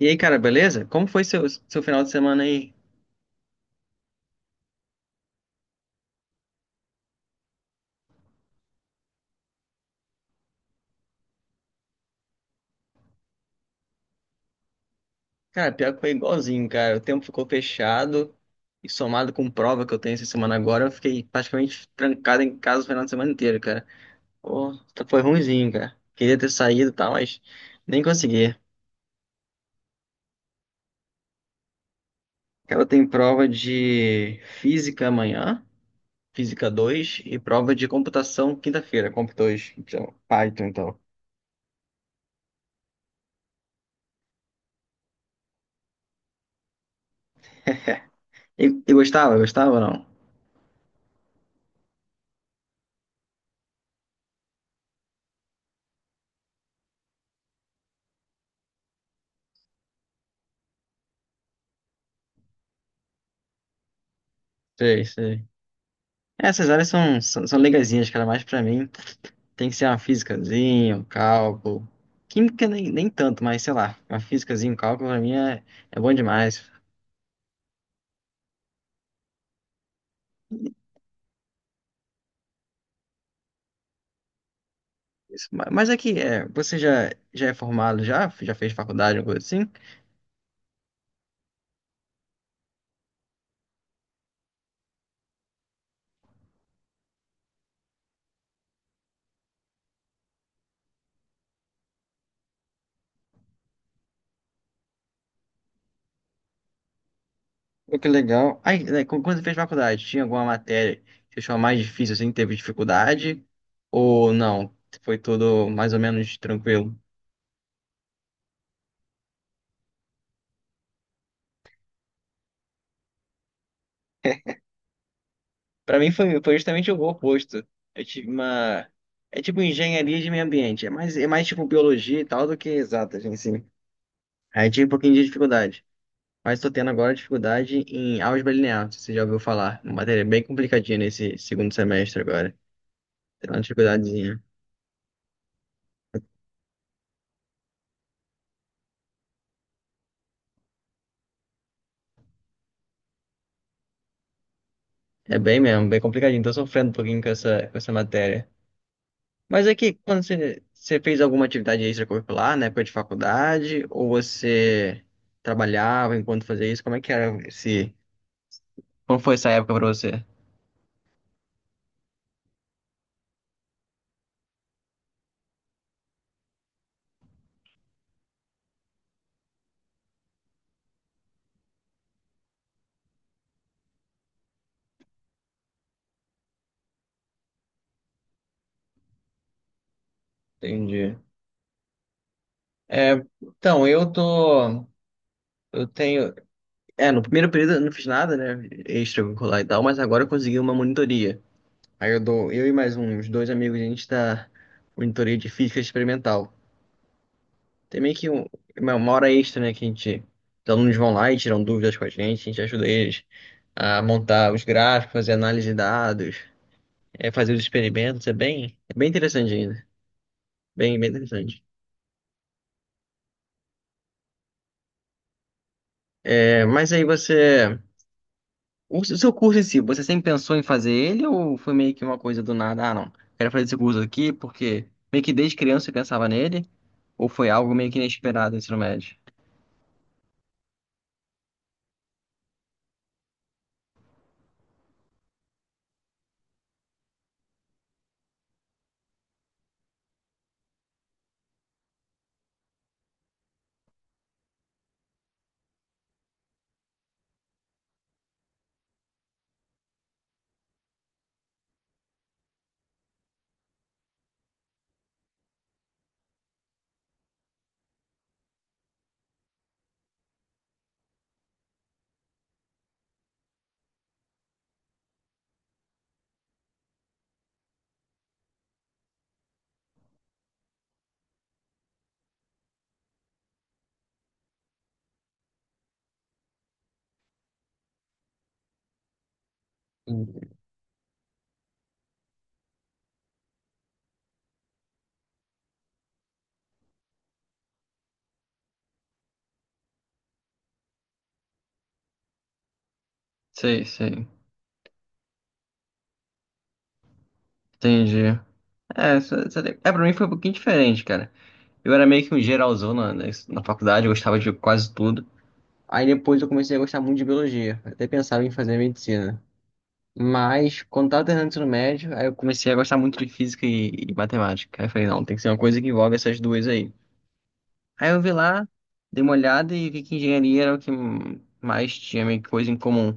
E aí, cara, beleza? Como foi seu final de semana aí? Cara, pior que foi igualzinho, cara. O tempo ficou fechado e somado com prova que eu tenho essa semana agora, eu fiquei praticamente trancado em casa o final de semana inteiro, cara. Pô, foi ruimzinho, cara. Queria ter saído e tal, mas nem consegui. Cara, eu tenho prova de física amanhã, física 2 e prova de computação quinta-feira, comp 2 então, Python, então. E gostava? Gostava ou não? Sei, sei. Essas áreas são legazinhas, cara, mais pra mim. Tem que ser uma físicazinha, um cálculo. Química nem tanto, mas sei lá, uma físicazinha, um cálculo pra mim é bom demais. Isso, Mas aqui, é, já é formado, já fez faculdade, alguma coisa assim? Pô, que legal. Aí, né, quando você fez faculdade, tinha alguma matéria que achou mais difícil, assim, teve dificuldade? Ou não? Foi tudo mais ou menos tranquilo? Pra mim foi justamente o oposto. Eu tive uma... É tipo engenharia de meio ambiente, é mais tipo biologia e tal do que exatas em si. Aí tive um pouquinho de dificuldade. Mas estou tendo agora dificuldade em álgebra linear, se você já ouviu falar. Uma matéria bem complicadinha nesse segundo semestre agora. Tem uma dificuldadezinha. É bem mesmo, bem complicadinho. Estou sofrendo um pouquinho com com essa matéria. Mas é que quando você fez alguma atividade extracurricular na época de faculdade, ou você trabalhava enquanto fazia isso, como é que era esse... Como foi essa época para você? Entendi. É, então, eu tô... Eu tenho... É, no primeiro período eu não fiz nada, né? Extracurricular e tal, mas agora eu consegui uma monitoria. Aí eu dou, eu e mais uns dois amigos, a gente tá monitoria de física experimental. Tem meio que uma hora extra, né? Que a gente, os alunos vão lá e tiram dúvidas com a gente ajuda eles a montar os gráficos, fazer análise de dados, é, fazer os experimentos. É bem interessante ainda. Bem interessante. É, mas aí você. O seu curso em si, você sempre pensou em fazer ele ou foi meio que uma coisa do nada? Ah, não, quero fazer esse curso aqui porque meio que desde criança você pensava nele ou foi algo meio que inesperado no ensino médio? Entendi. Sei, sei, entendi. É, é, pra mim foi um pouquinho diferente, cara. Eu era meio que um geralzão na faculdade, eu gostava de quase tudo. Aí depois eu comecei a gostar muito de biologia, até pensava em fazer medicina. Mas quando tava terminando o ensino médio, aí eu comecei a gostar muito de física e matemática. Aí eu falei, não, tem que ser uma coisa que envolve essas duas aí. Aí eu vi lá, dei uma olhada e vi que engenharia era o que mais tinha meio que coisa em comum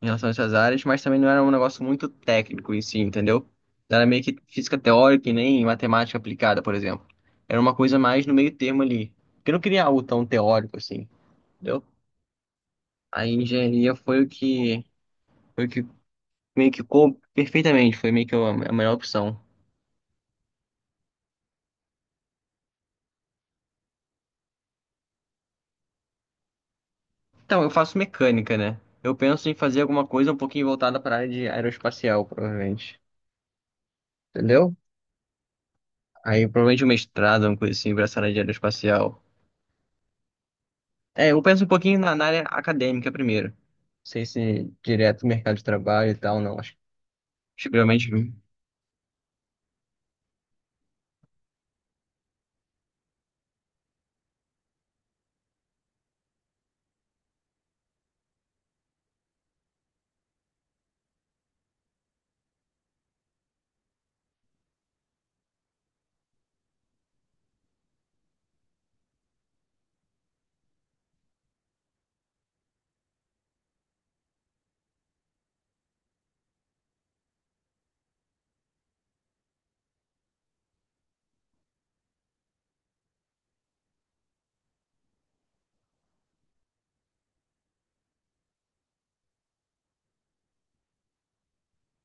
em relação a essas áreas, mas também não era um negócio muito técnico em si, entendeu? Não era meio que física teórica e nem matemática aplicada, por exemplo. Era uma coisa mais no meio termo ali. Porque eu não queria algo tão teórico assim, entendeu? A engenharia foi o que meio que coube perfeitamente, foi meio que a melhor opção. Então, eu faço mecânica, né? Eu penso em fazer alguma coisa um pouquinho voltada para a área de aeroespacial, provavelmente. Entendeu? Aí provavelmente um mestrado, uma coisa assim, pra essa área de aeroespacial. É, eu penso um pouquinho na área acadêmica primeiro. Não sei se direto mercado de trabalho e tal, não. Acho que realmente.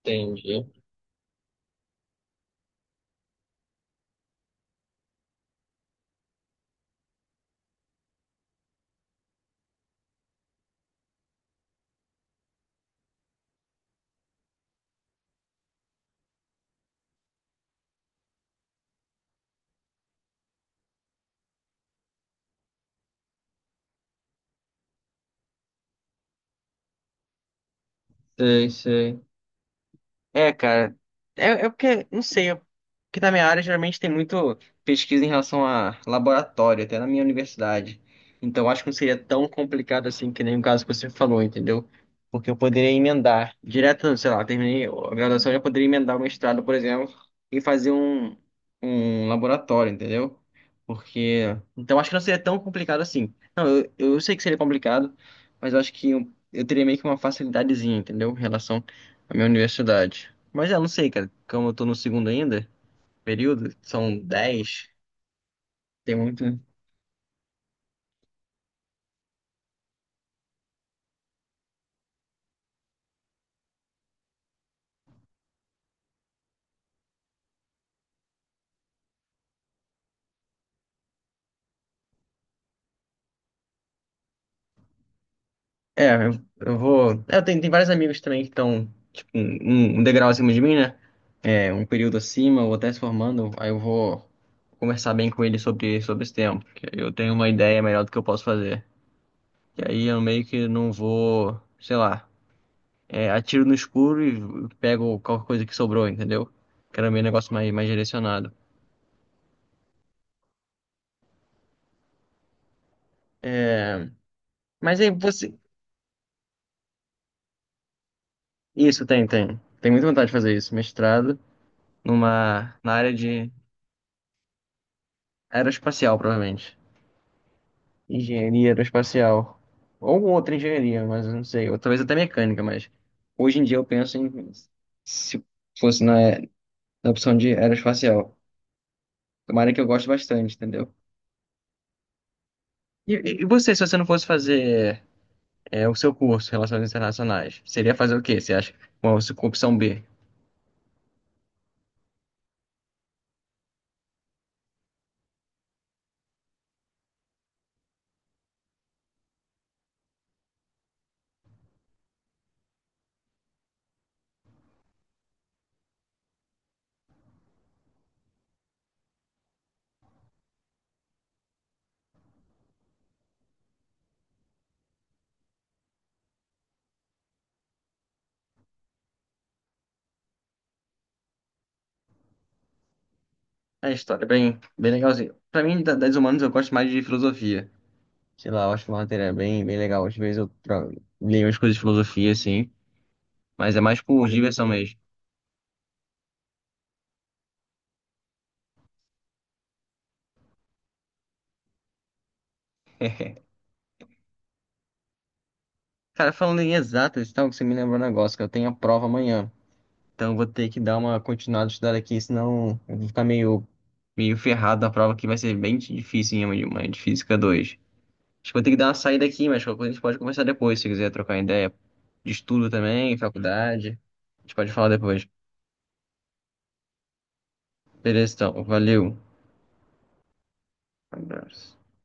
Entendi. Sei, sei. É, cara. É porque, não sei, é porque na minha área geralmente tem muito pesquisa em relação a laboratório, até na minha universidade. Então acho que não seria tão complicado assim que nem o caso que você falou, entendeu? Porque eu poderia emendar direto, sei lá, terminei a graduação, eu já poderia emendar o mestrado, por exemplo, e fazer um laboratório, entendeu? Porque. Então acho que não seria tão complicado assim. Não, eu sei que seria complicado, mas eu acho que eu teria meio que uma facilidadezinha, entendeu? Em relação a minha universidade. Mas já não sei, cara, como eu tô no segundo ainda, período, são 10, tem muito. É, eu vou. É, tem vários amigos também que estão, tipo, um degrau acima de mim, né? É, um período acima, ou até se formando, aí eu vou conversar bem com eles sobre esse tempo, que aí eu tenho uma ideia melhor do que eu posso fazer. E aí eu meio que não vou, sei lá, é, atiro no escuro e pego qualquer coisa que sobrou, entendeu? Quero meio negócio mais direcionado. É, mas aí você, isso, tem, tem. Tem muita vontade de fazer isso. Mestrado na área de aeroespacial, provavelmente. Engenharia aeroespacial. Ou outra engenharia, mas eu não sei. Ou talvez até mecânica, mas hoje em dia eu penso em se fosse na opção de aeroespacial. É uma área que eu gosto bastante, entendeu? E e você, se você não fosse fazer é, o seu curso, Relações Internacionais, seria fazer o quê? Você acha? Uma opção B. É, a história é bem, bem legalzinha. Pra mim, das humanas, eu gosto mais de filosofia. Sei lá, eu acho que uma matéria bem, bem legal. Às vezes eu leio umas coisas de filosofia, assim, mas é mais por diversão mesmo. Cara, falando em exatas e tal, você me lembrou um negócio, que eu tenho a prova amanhã. Então eu vou ter que dar uma continuada de estudar aqui, senão eu vou ficar meio ferrado na prova, que vai ser bem difícil, hein, uma de física 2. Acho que vou ter que dar uma saída aqui, mas qualquer coisa a gente pode conversar depois, se quiser trocar ideia de estudo também, faculdade. A gente pode falar depois. Beleza, então. Valeu. Um abraço.